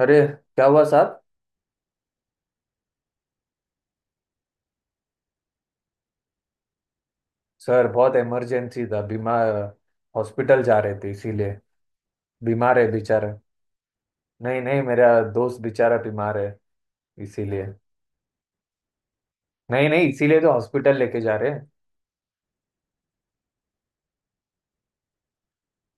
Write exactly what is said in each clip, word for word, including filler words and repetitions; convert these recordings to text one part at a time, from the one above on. अरे क्या हुआ साहब। सर बहुत इमरजेंसी था। बीमार हॉस्पिटल जा रहे थे इसीलिए। बीमार है बेचारा। नहीं नहीं मेरा दोस्त बेचारा बीमार है इसीलिए। नहीं नहीं इसीलिए तो हॉस्पिटल लेके जा रहे हैं।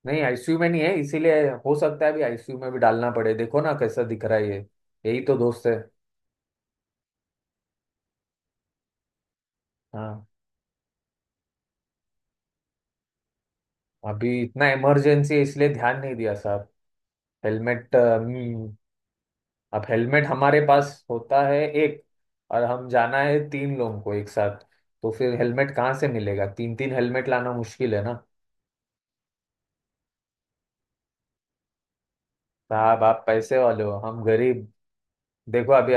नहीं आईसीयू में नहीं है इसीलिए। हो सकता है अभी आईसीयू में भी डालना पड़े। देखो ना कैसा दिख रहा है ये। यही तो दोस्त है। हाँ। अभी इतना इमरजेंसी है इसलिए ध्यान नहीं दिया साहब। हेलमेट अब हेलमेट हमारे पास होता है एक। और हम जाना है तीन लोगों को एक साथ। तो फिर हेलमेट कहाँ से मिलेगा। तीन तीन हेलमेट लाना मुश्किल है ना। साहब आप पैसे वाले हो, हम गरीब। देखो अभी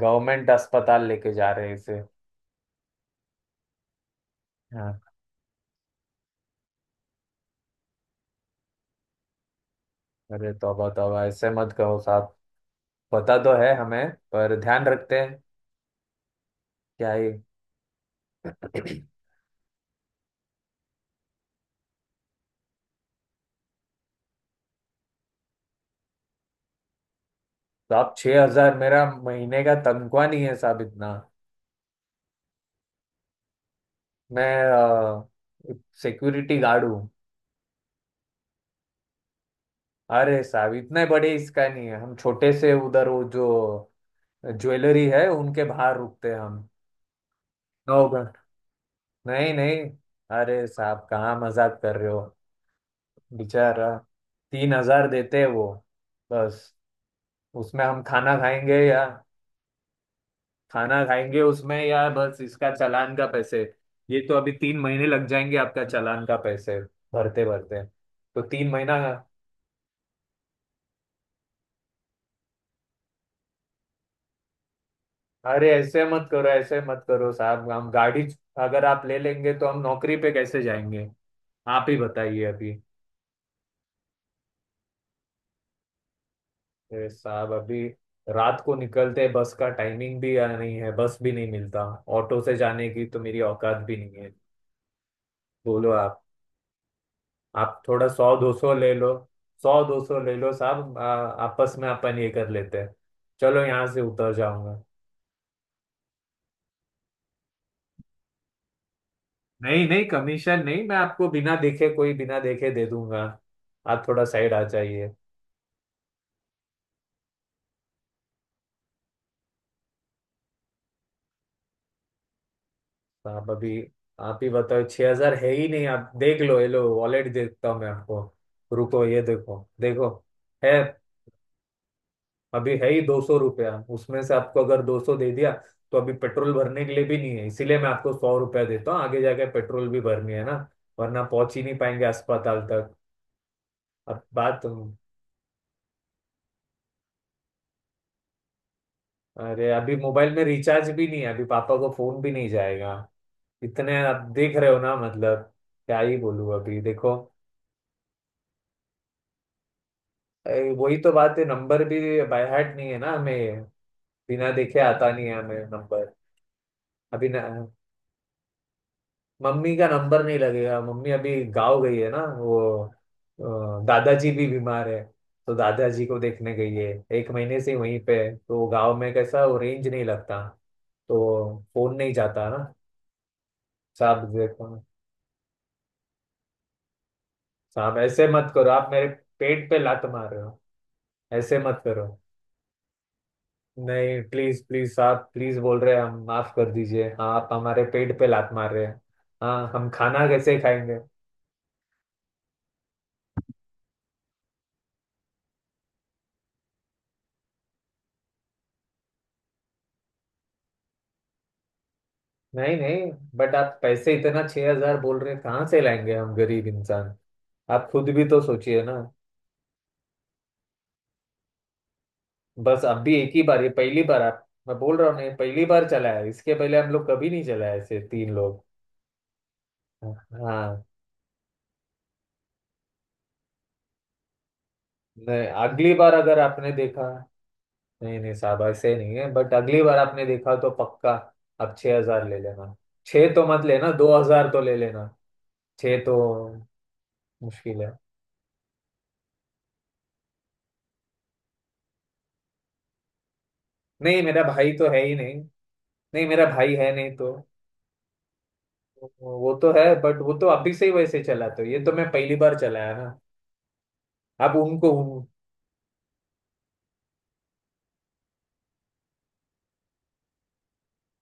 गवर्नमेंट अस्पताल लेके जा रहे हैं इसे। हाँ, अरे तौबा तौबा ऐसे मत कहो साहब। पता तो है हमें, पर ध्यान रखते हैं। क्या ही। तो आप छह हजार, मेरा महीने का तनख्वाह नहीं है साहब इतना। मैं सिक्योरिटी गार्ड हूँ। अरे साहब इतने बड़े इसका नहीं है, हम छोटे से उधर वो जो ज्वेलरी है उनके बाहर रुकते हैं हम। नौ घंटे। नहीं नहीं। अरे साहब कहाँ मजाक कर रहे हो। बेचारा। तीन हजार देते हैं वो, बस। उसमें हम खाना खाएंगे या खाना खाएंगे उसमें या बस इसका चालान का पैसे। ये तो अभी तीन महीने लग जाएंगे आपका चालान का पैसे भरते भरते। तो तीन महीना। अरे ऐसे मत करो, ऐसे मत करो साहब। हम गाड़ी अगर आप ले लेंगे तो हम नौकरी पे कैसे जाएंगे। आप ही बताइए अभी। अरे साहब अभी रात को निकलते हैं, बस का टाइमिंग भी नहीं है, बस भी नहीं मिलता। ऑटो से जाने की तो मेरी औकात भी नहीं है। बोलो आप। आप थोड़ा सौ दो सौ ले लो। सौ दो सौ ले लो साहब। आ- आपस में अपन ये कर लेते हैं। चलो यहाँ से उतर जाऊंगा। नहीं नहीं कमीशन नहीं। मैं आपको बिना देखे कोई बिना देखे दे दूंगा। आप थोड़ा साइड आ जाइए। तो आप अभी आप ही बताओ छह हजार है ही नहीं। आप देख लो, ये लो वॉलेट देता हूँ मैं आपको। रुको ये देखो देखो है। अभी है ही दो सौ रुपया। उसमें से आपको अगर दो सौ दे दिया तो अभी पेट्रोल भरने के लिए भी नहीं है। इसीलिए मैं आपको सौ रुपया देता हूँ। आगे जाके पेट्रोल भी भरनी है ना, वरना पहुंच ही नहीं पाएंगे अस्पताल तक। अब बात अरे अभी मोबाइल में रिचार्ज भी नहीं है, अभी पापा को फोन भी नहीं जाएगा। इतने आप देख रहे हो ना मतलब। क्या ही बोलूं अभी देखो। ए, वही तो बात है नंबर भी बाय हार्ट नहीं है ना हमें। बिना देखे आता नहीं है हमें नंबर अभी न, मम्मी का नंबर नहीं लगेगा। मम्मी अभी गाँव गई है ना वो। अ, दादाजी भी बीमार है तो दादाजी को देखने गई है। एक महीने से वहीं पे है। तो गाँव में कैसा वो रेंज नहीं लगता, तो फोन नहीं जाता ना। साहब देखो। साहब ऐसे मत करो। आप मेरे पेट पे लात मार रहे हो। ऐसे मत करो। नहीं प्लीज प्लीज। आप प्लीज बोल रहे हैं, हम माफ कर दीजिए। हाँ, आप हमारे पेट पे लात मार रहे हैं। हाँ हम खाना कैसे खाएंगे। नहीं नहीं, बट आप पैसे इतना छह हजार बोल रहे हैं, कहाँ से लाएंगे हम गरीब इंसान। आप खुद भी तो सोचिए ना। बस अब भी एक ही बार ये पहली बार। आप, मैं बोल रहा हूँ नहीं, पहली बार चला है। इसके पहले हम लोग कभी नहीं चलाया ऐसे तीन लोग। हाँ, नहीं अगली बार अगर आपने देखा। नहीं नहीं साहब ऐसे नहीं है, बट अगली बार आपने देखा तो पक्का आप छह हजार ले लेना। छह तो मत लेना, दो हजार तो ले लेना। छह तो मुश्किल है। नहीं मेरा भाई तो है ही नहीं। नहीं मेरा भाई है नहीं तो। वो तो है, बट वो तो अभी से ही वैसे चलाते हो। ये तो मैं पहली बार चलाया ना। आप उनको उन,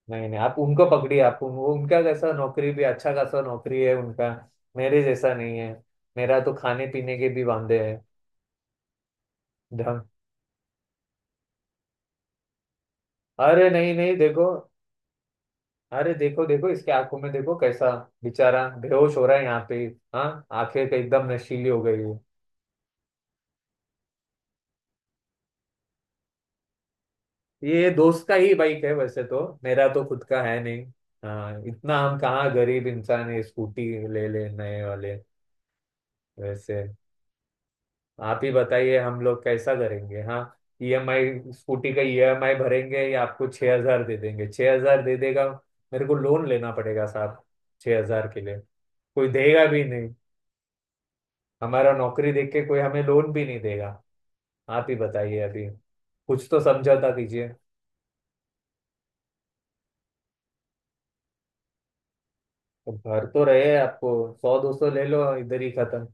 नहीं नहीं आप उनको पकड़िए। आप उन, वो उनका कैसा नौकरी भी, अच्छा खासा नौकरी है उनका। मेरे जैसा नहीं है। मेरा तो खाने पीने के भी वांदे हैं। ढंग अरे नहीं नहीं देखो। अरे देखो देखो इसके आंखों में देखो कैसा बेचारा बेहोश हो रहा है यहाँ पे। हाँ आंखें तो एकदम नशीली हो गई है। ये दोस्त का ही बाइक है, वैसे तो मेरा तो खुद का है नहीं। हाँ इतना हम कहाँ गरीब इंसान है, स्कूटी ले ले नए वाले। वैसे आप ही बताइए हम लोग कैसा करेंगे हाँ। ईएमआई, स्कूटी का ईएमआई भरेंगे या आपको छह हजार दे देंगे छह हजार दे देगा। मेरे को लोन लेना पड़ेगा साहब छह हजार के लिए। कोई देगा भी नहीं। हमारा नौकरी देख के कोई हमें लोन भी नहीं देगा। आप ही बताइए अभी। कुछ तो समझौता कीजिए। तो भर तो रहे आपको। सौ दो सौ ले लो, इधर ही खत्म।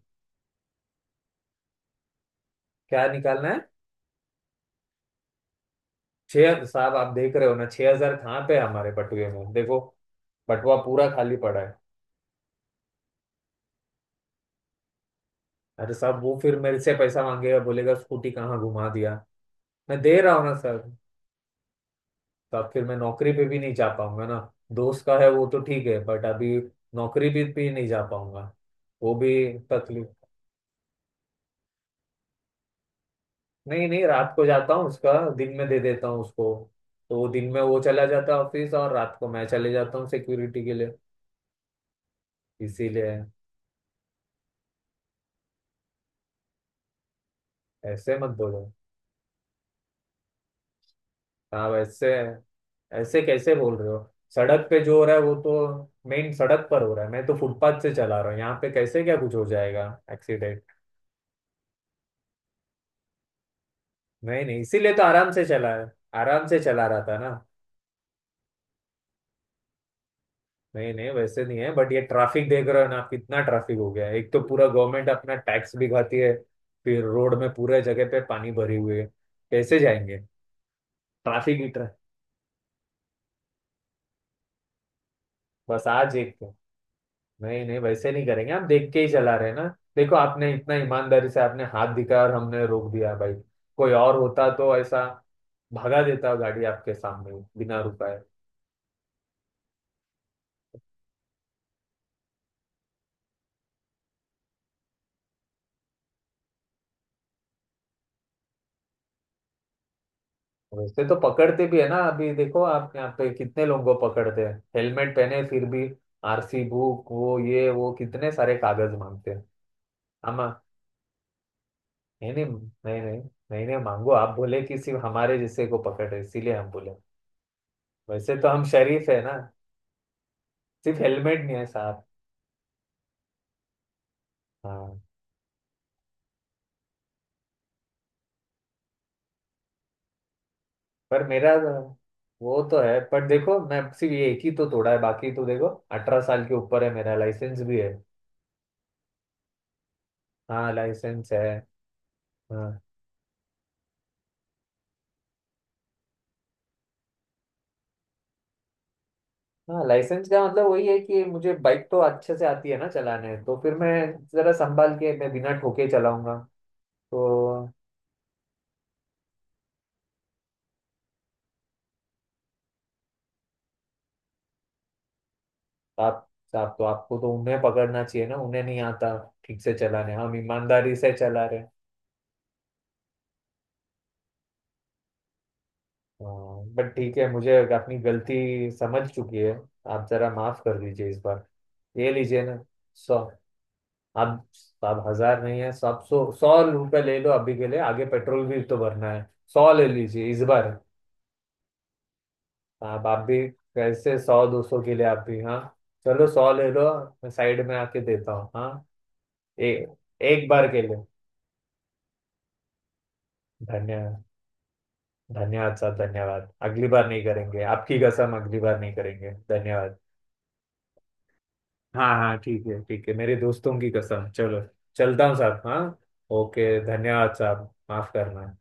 क्या निकालना है। छह साहब, आप देख रहे हो ना छह हजार कहाँ पे है हमारे बटुए में। देखो, बटुआ पूरा खाली पड़ा है। अरे साहब वो फिर मेरे से पैसा मांगेगा, बोलेगा स्कूटी कहाँ घुमा दिया। मैं दे रहा हूँ ना सर। तो अब फिर मैं नौकरी पे भी नहीं जा पाऊंगा ना। दोस्त का है वो तो ठीक है बट अभी नौकरी पे भी नहीं जा पाऊंगा वो भी। तकलीफ नहीं नहीं, रात को जाता हूँ उसका, दिन में दे देता हूँ उसको। तो वो दिन में वो चला जाता है ऑफिस और रात को मैं चले जाता हूँ सिक्योरिटी के लिए। इसीलिए ऐसे मत बोलो। हाँ वैसे ऐसे कैसे बोल रहे हो। सड़क पे जो हो रहा है वो तो मेन सड़क पर हो रहा है। मैं तो फुटपाथ से चला रहा हूँ, यहाँ पे कैसे क्या कुछ हो जाएगा एक्सीडेंट। नहीं नहीं इसीलिए तो आराम से चला है। आराम से चला रहा था ना। नहीं नहीं वैसे नहीं है, बट ये ट्रैफिक देख रहे हो ना कितना ट्रैफिक हो गया है। एक तो पूरा गवर्नमेंट अपना टैक्स भी खाती है, फिर रोड में पूरे जगह पे पानी भरे हुए है, कैसे जाएंगे। ट्रैफिक ही tra- बस आज एक तो। नहीं नहीं वैसे नहीं करेंगे, हम देख के ही चला रहे हैं ना। देखो आपने इतना ईमानदारी से आपने हाथ दिखाया और हमने रोक दिया भाई। कोई और होता तो ऐसा भगा देता गाड़ी आपके सामने बिना रुकाए। वैसे तो पकड़ते भी है ना। अभी देखो आप यहाँ पे कितने लोगों को पकड़ते हैं हेलमेट पहने फिर भी। आरसी बुक, वो ये वो कितने सारे कागज मांगते हैं हम। नहीं नहीं नहीं नहीं, नहीं नहीं मांगो। आप बोले कि सिर्फ हमारे जैसे को पकड़े इसीलिए हम बोले। वैसे तो हम शरीफ है ना। सिर्फ हेलमेट नहीं है साहब। हाँ पर मेरा वो तो है, पर देखो मैं सिर्फ ये एक ही तो तोड़ा है। बाकी तो देखो अठारह साल के ऊपर है, मेरा लाइसेंस भी है। हाँ लाइसेंस है। हाँ हाँ लाइसेंस का मतलब वही है कि मुझे बाइक तो अच्छे से आती है ना चलाने। तो फिर मैं जरा संभाल के, मैं बिना ठोके चलाऊंगा। तो आप साहब तो आपको तो उन्हें पकड़ना चाहिए ना। उन्हें नहीं आता ठीक से चलाने, हम ईमानदारी से चला रहे हैं। हाँ, बट ठीक है मुझे अपनी गलती समझ चुकी है। आप जरा माफ कर दीजिए इस बार। ये लीजिए ना। सौ। आप आप हजार नहीं है, सब सौ सौ रुपये ले लो अभी के लिए। आगे पेट्रोल भी तो भरना है। सौ ले लीजिए इस बार। आप आप भी कैसे सौ दो सौ के लिए आप भी। हाँ चलो सौ ले लो। मैं साइड में आके देता हूँ हाँ। ए, एक बार के लिए। धन्यवाद। धन्यवाद साहब धन्यवाद। अगली बार नहीं करेंगे आपकी कसम। अगली बार नहीं करेंगे। धन्यवाद। हाँ हाँ ठीक है ठीक है, मेरे दोस्तों की कसम चलो। चलता हूँ साहब हाँ। ओके धन्यवाद साहब। माफ करना।